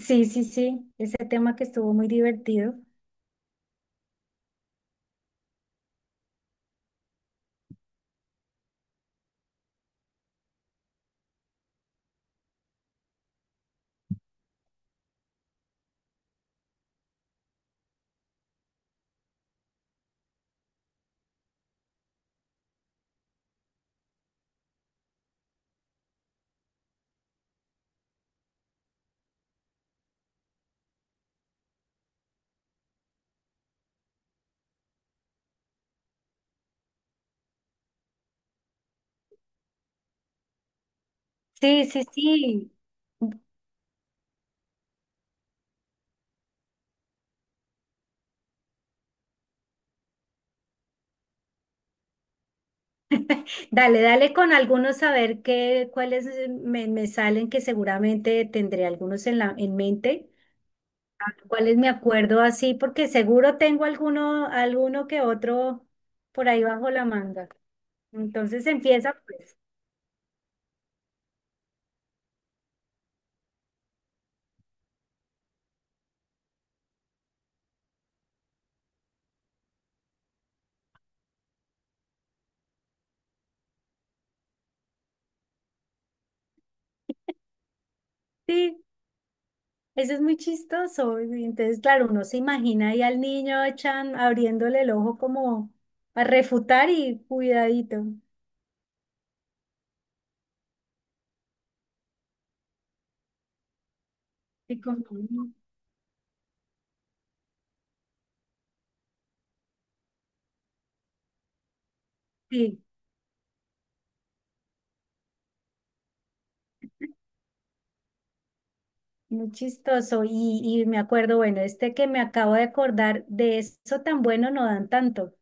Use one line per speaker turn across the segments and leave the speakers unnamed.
Sí, sí, sí, ese tema que estuvo muy divertido. Sí, sí, sí. Dale, dale con algunos a ver qué, cuáles me salen, que seguramente tendré algunos en mente. A ver, ¿cuáles me acuerdo así? Porque seguro tengo alguno que otro por ahí bajo la manga. Entonces empieza, pues. Sí, eso es muy chistoso. Y entonces, claro, uno se imagina ahí al niño abriéndole el ojo como a refutar y cuidadito. Y con- Sí, muy chistoso. Y me acuerdo, bueno, este que me acabo de acordar, de eso tan bueno no dan tanto.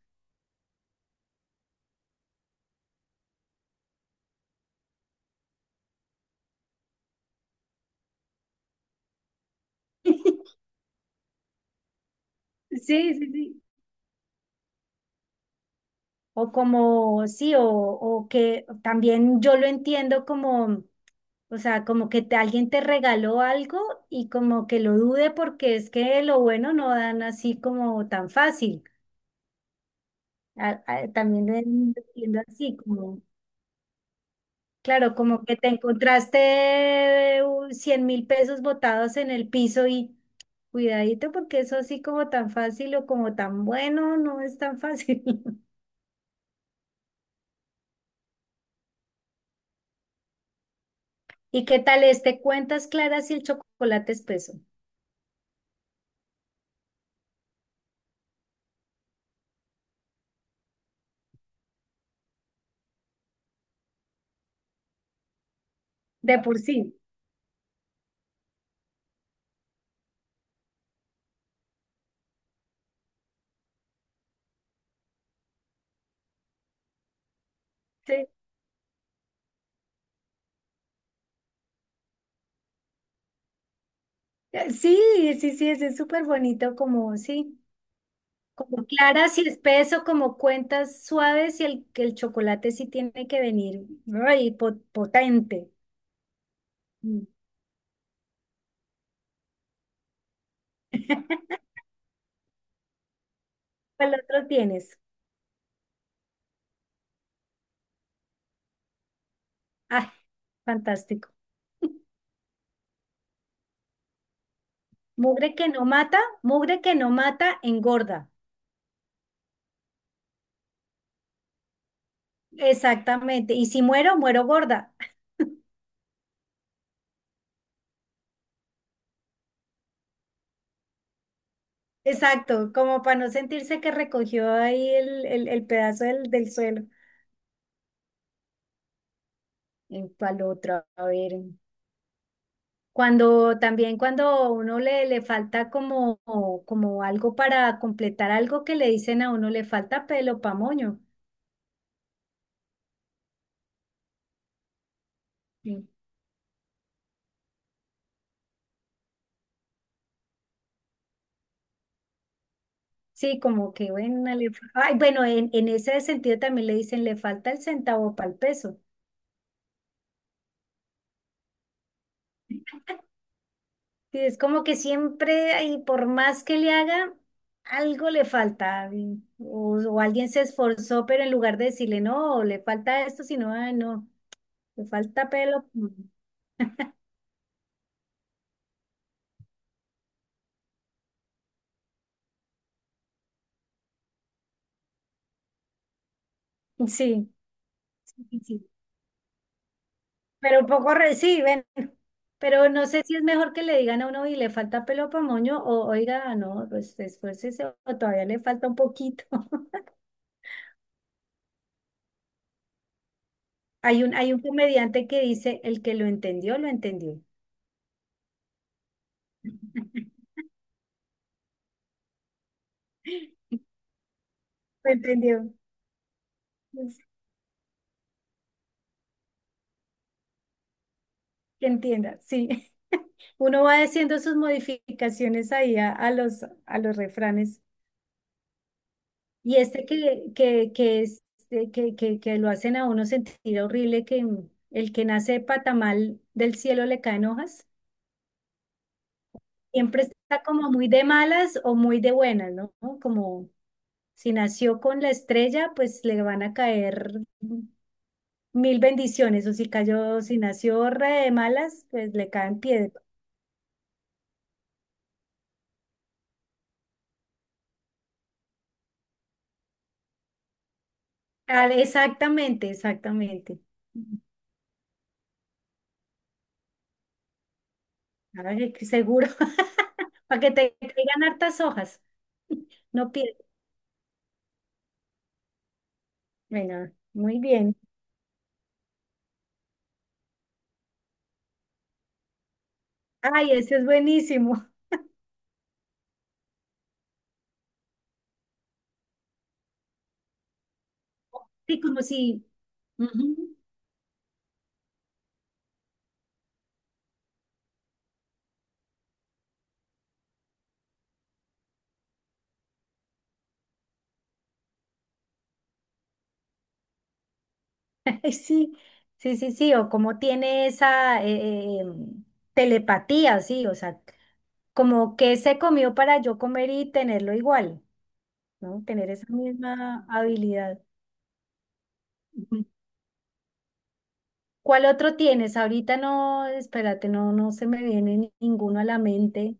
Sí, sí, sí. O como, sí, o que también yo lo entiendo como, o sea, como que alguien te regaló algo y como que lo dude porque es que lo bueno no dan así como tan fácil. También lo entiendo así, como, claro, como que te encontraste 100.000 pesos botados en el piso y. Cuidadito porque eso así como tan fácil o como tan bueno no es tan fácil. ¿Y qué tal este? Cuentas claras y el chocolate espeso. De por sí. Sí. Sí, sí, sí, ese es súper bonito como, sí, como claras y espeso, como cuentas suaves y que el chocolate sí tiene que venir, ay, potente. Mm. ¿Cuál otro tienes? Ay, fantástico. Mugre que no mata, mugre que no mata, engorda. Exactamente. Y si muero, muero gorda. Exacto, como para no sentirse que recogió ahí el pedazo del suelo. En cual otra, a ver. Cuando también cuando uno le falta como algo para completar algo que le dicen a uno, le falta pelo pa' moño. Sí. Sí, como que bueno, ay, bueno, en ese sentido también le dicen, le falta el centavo para el peso. Sí, es como que siempre, ahí, por más que le haga, algo le falta. O alguien se esforzó, pero en lugar de decirle, no, le falta esto, sino, "Ay, no, le falta pelo. Sí, sí, sí. Pero un poco reciben. Pero no sé si es mejor que le digan a uno y le falta pelo para moño o oiga, no, pues esfuércese o todavía le falta un poquito. Hay un comediante que dice, el que lo entendió, lo entendió. Lo entendió. Pues, que entienda, sí. Uno va haciendo sus modificaciones ahí a los refranes. Y este que, es, que lo hacen a uno sentir horrible, que el que nace de patamal del cielo le caen hojas, siempre está como muy de malas o muy de buenas, ¿no? Como si nació con la estrella, pues le van a caer mil bendiciones, o si nació re de malas, pues le caen piedras. Ah, exactamente, exactamente. Ay, que seguro. Para que te caigan hartas hojas. No pierdas. Bueno, muy bien. Ay, ese es buenísimo. Sí, como si. Ujú. Sí, sí, sí, sí. O como tiene esa telepatía, sí. O sea, como que se comió para yo comer y tenerlo igual, ¿no? Tener esa misma habilidad. Ujú. ¿Cuál otro tienes? Ahorita no, espérate, no se me viene ninguno a la mente.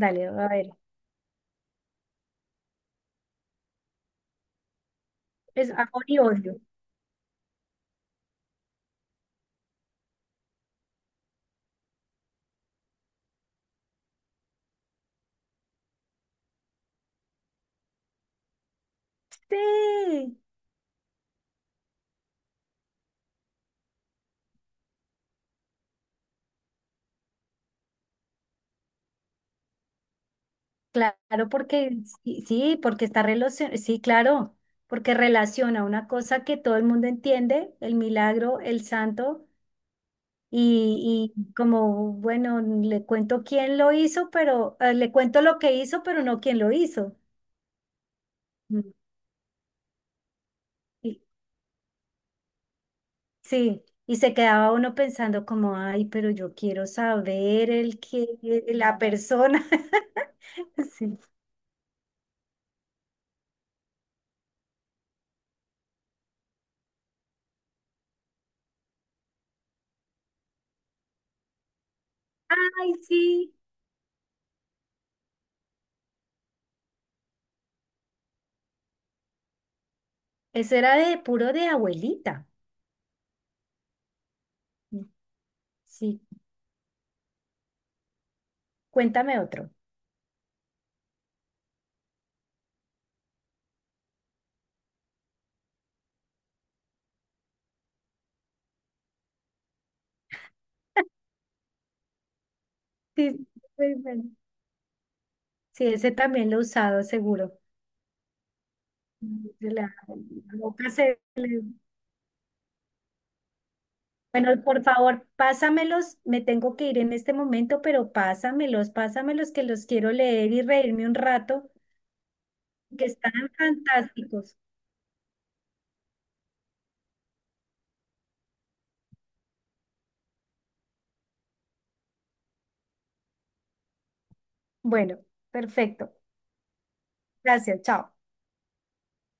Dale, a ver. Es amor y odio. Sí, claro, porque sí, sí, porque está relacionado, sí, claro, porque relaciona una cosa que todo el mundo entiende, el milagro, el santo, y como, bueno, le cuento quién lo hizo, pero le cuento lo que hizo, pero no quién lo hizo. Mm. Y- sí, y se quedaba uno pensando como, ay, pero yo quiero saber la persona. Sí. Ay, sí, eso era de puro de abuelita. Sí, cuéntame otro. Sí, muy bueno. Sí, ese también lo he usado, seguro. La- la boca se le- Bueno, por favor, pásamelos. Me tengo que ir en este momento, pero pásamelos, pásamelos que los quiero leer y reírme un rato, que están fantásticos. Bueno, perfecto. Gracias, chao.